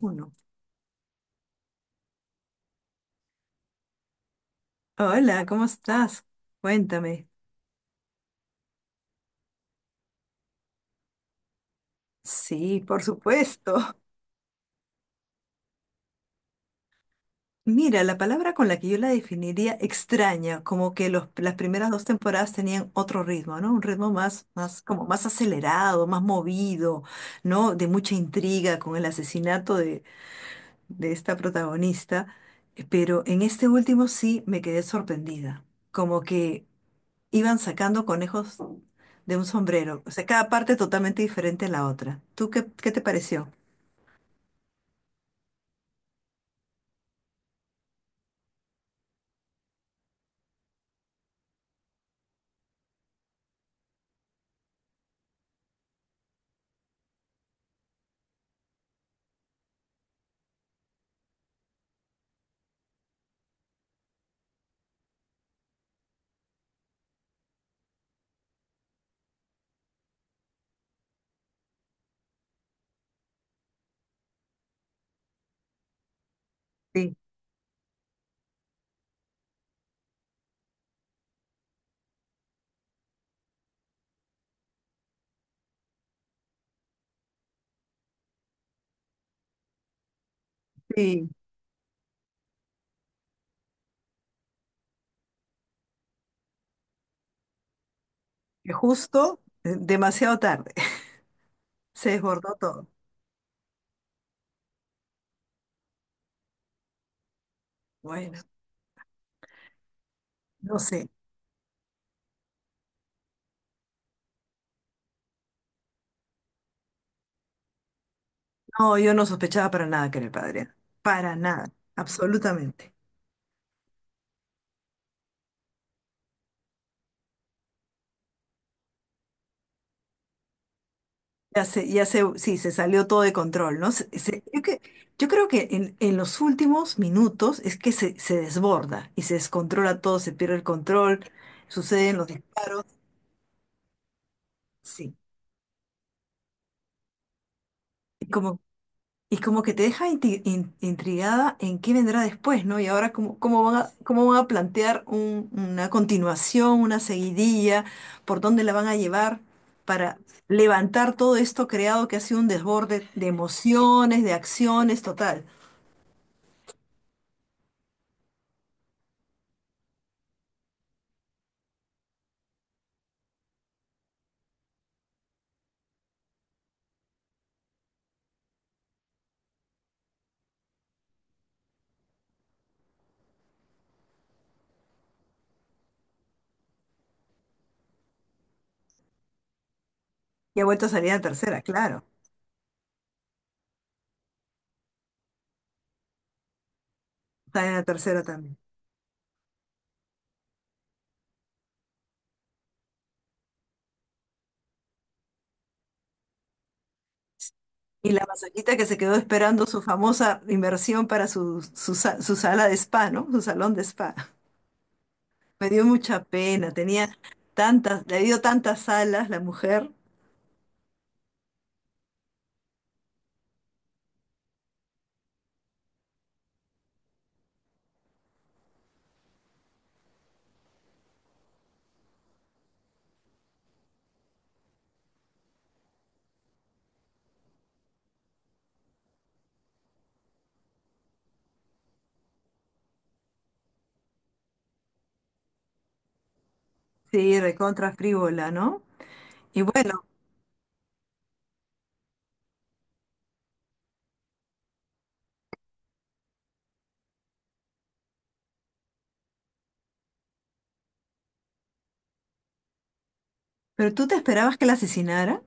Uno. Hola, ¿cómo estás? Cuéntame. Sí, por supuesto. Mira, la palabra con la que yo la definiría extraña, como que las primeras dos temporadas tenían otro ritmo, ¿no? Un ritmo como más acelerado, más movido, ¿no? De mucha intriga con el asesinato de esta protagonista. Pero en este último sí me quedé sorprendida. Como que iban sacando conejos de un sombrero, o sea, cada parte totalmente diferente a la otra. ¿Tú qué te pareció? Sí, sí, que justo, demasiado tarde, se desbordó todo. Bueno, no sé. No, yo no sospechaba para nada que era el padre, para nada, absolutamente. Sí, se salió todo de control, ¿no? Yo creo que en los últimos minutos es que se desborda y se descontrola todo, se pierde el control, suceden los disparos, sí. Y como Y como que te deja intrigada en qué vendrá después, ¿no? Y ahora cómo van a plantear una continuación, una seguidilla, por dónde la van a llevar para levantar todo esto creado que ha sido un desborde de emociones, de acciones, total. Y ha vuelto a salir en la tercera, claro. Está en la tercera también. Y la masajita que se quedó esperando su famosa inversión para su sala de spa, ¿no? Su salón de spa. Me dio mucha pena, tenía tantas, le dio tantas alas la mujer. Sí, recontra frívola, ¿no? Y bueno, pero ¿tú te esperabas que la asesinara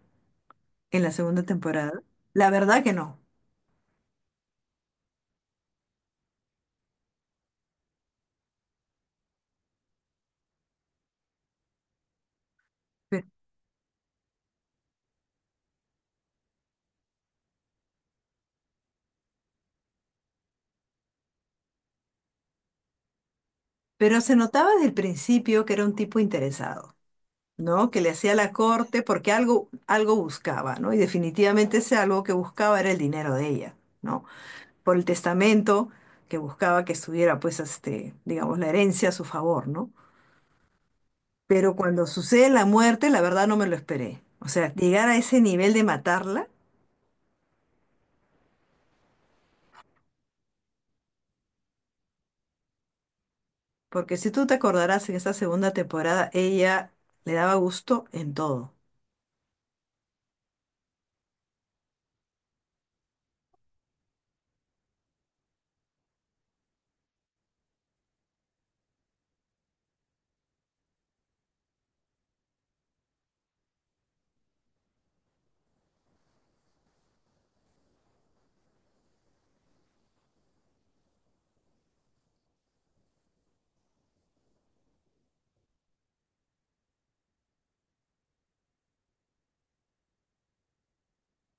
en la segunda temporada? La verdad que no. Pe- Pero se notaba desde el principio que era un tipo interesado, ¿no? Que le hacía la corte porque algo buscaba, ¿no? Y definitivamente ese algo que buscaba era el dinero de ella, ¿no? Por el testamento que buscaba que estuviera, pues, este, digamos, la herencia a su favor, ¿no? Pero cuando sucede la muerte, la verdad no me lo esperé. O sea, llegar a ese nivel de matarla, porque si tú te acordarás en esta segunda temporada, ella le daba gusto en todo.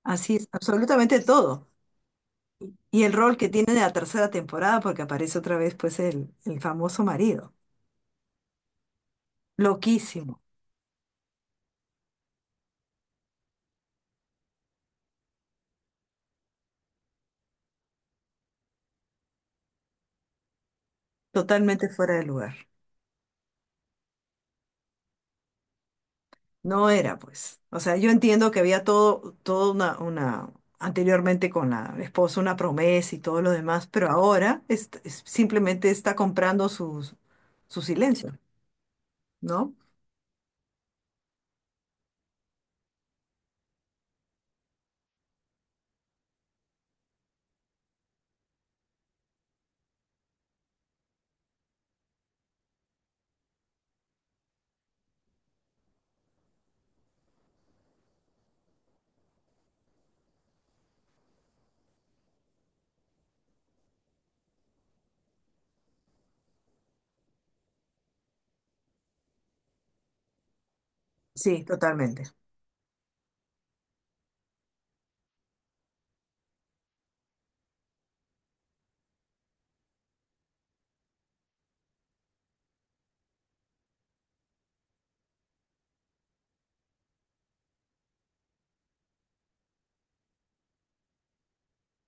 Así es, absolutamente todo. Y el rol que tiene en la tercera temporada, porque aparece otra vez pues el famoso marido. Loquísimo, totalmente fuera de lugar. No era, pues. O sea, yo entiendo que había todo una, anteriormente con la esposa una promesa y todo lo demás, pero ahora simplemente está comprando su silencio, ¿no? Sí, totalmente.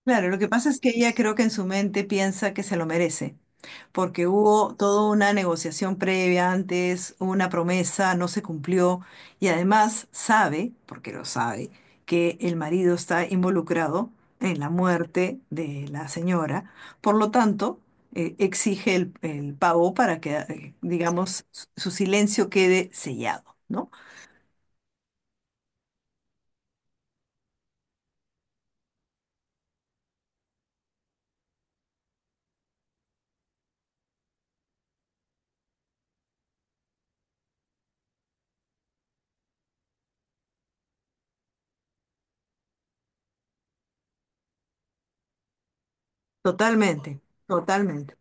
Claro, lo que pasa es que ella creo que en su mente piensa que se lo merece. Porque hubo toda una negociación previa antes, una promesa, no se cumplió y además sabe, porque lo sabe, que el marido está involucrado en la muerte de la señora, por lo tanto, exige el pago para que, digamos, su su silencio quede sellado, ¿no? Totalmente, totalmente.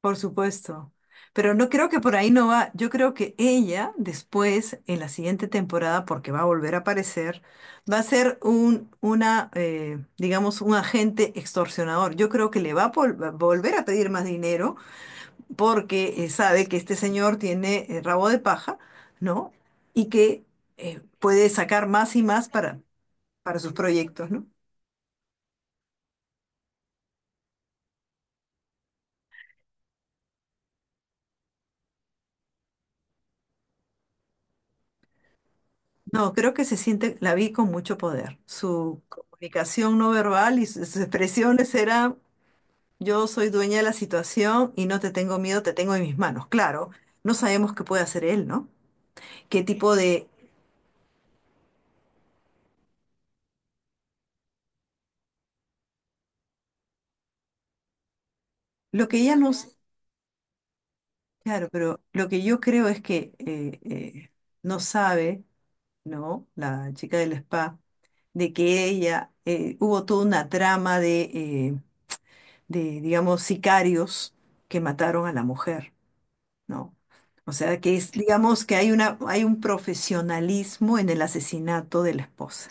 Por supuesto. Pero no creo que por ahí no va. Yo creo que ella después, en la siguiente temporada, porque va a volver a aparecer, va a ser digamos, un agente extorsionador. Yo creo que le va a va a volver a pedir más dinero porque sabe que este señor tiene rabo de paja, ¿no? Y que puede sacar más y más para sus proyectos, ¿no? No, creo que se siente, la vi con mucho poder. Su comunicación no verbal y sus expresiones era, yo soy dueña de la situación y no te tengo miedo, te tengo en mis manos. Claro, no sabemos qué puede hacer él, ¿no? ¿Qué tipo de... Lo que ella no... s- Claro, pero lo que yo creo es que no sabe, ¿no? La chica del spa, de que ella... hubo toda una trama digamos, sicarios que mataron a la mujer. ¿No? O sea, que es, digamos que hay hay un profesionalismo en el asesinato de la esposa.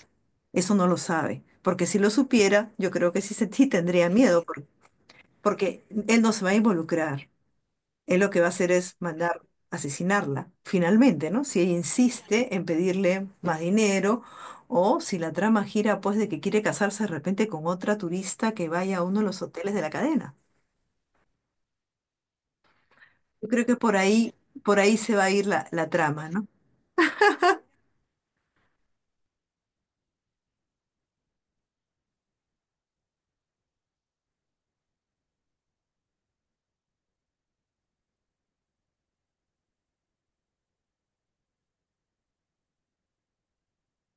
Eso no lo sabe, porque si lo supiera, yo creo que sí, sí tendría miedo, por- porque él no se va a involucrar. Él lo que va a hacer es mandar asesinarla, finalmente, ¿no? Si ella insiste en pedirle más dinero o si la trama gira, pues, de que quiere casarse de repente con otra turista que vaya a uno de los hoteles de la cadena. Yo creo que por ahí se va a ir la, la trama, ¿no?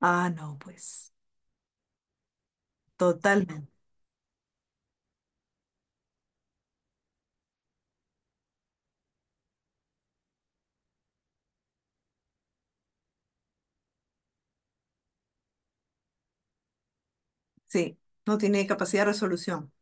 Ah, no, pues, totalmente. Sí, no tiene capacidad de resolución.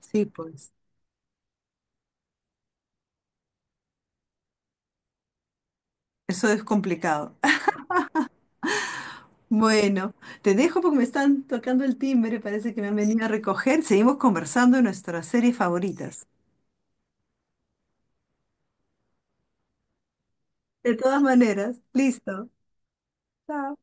Sí, pues, eso es complicado. Bueno, te dejo porque me están tocando el timbre, parece que me han venido a recoger. Seguimos conversando de nuestras series favoritas. De todas maneras, listo. Chao.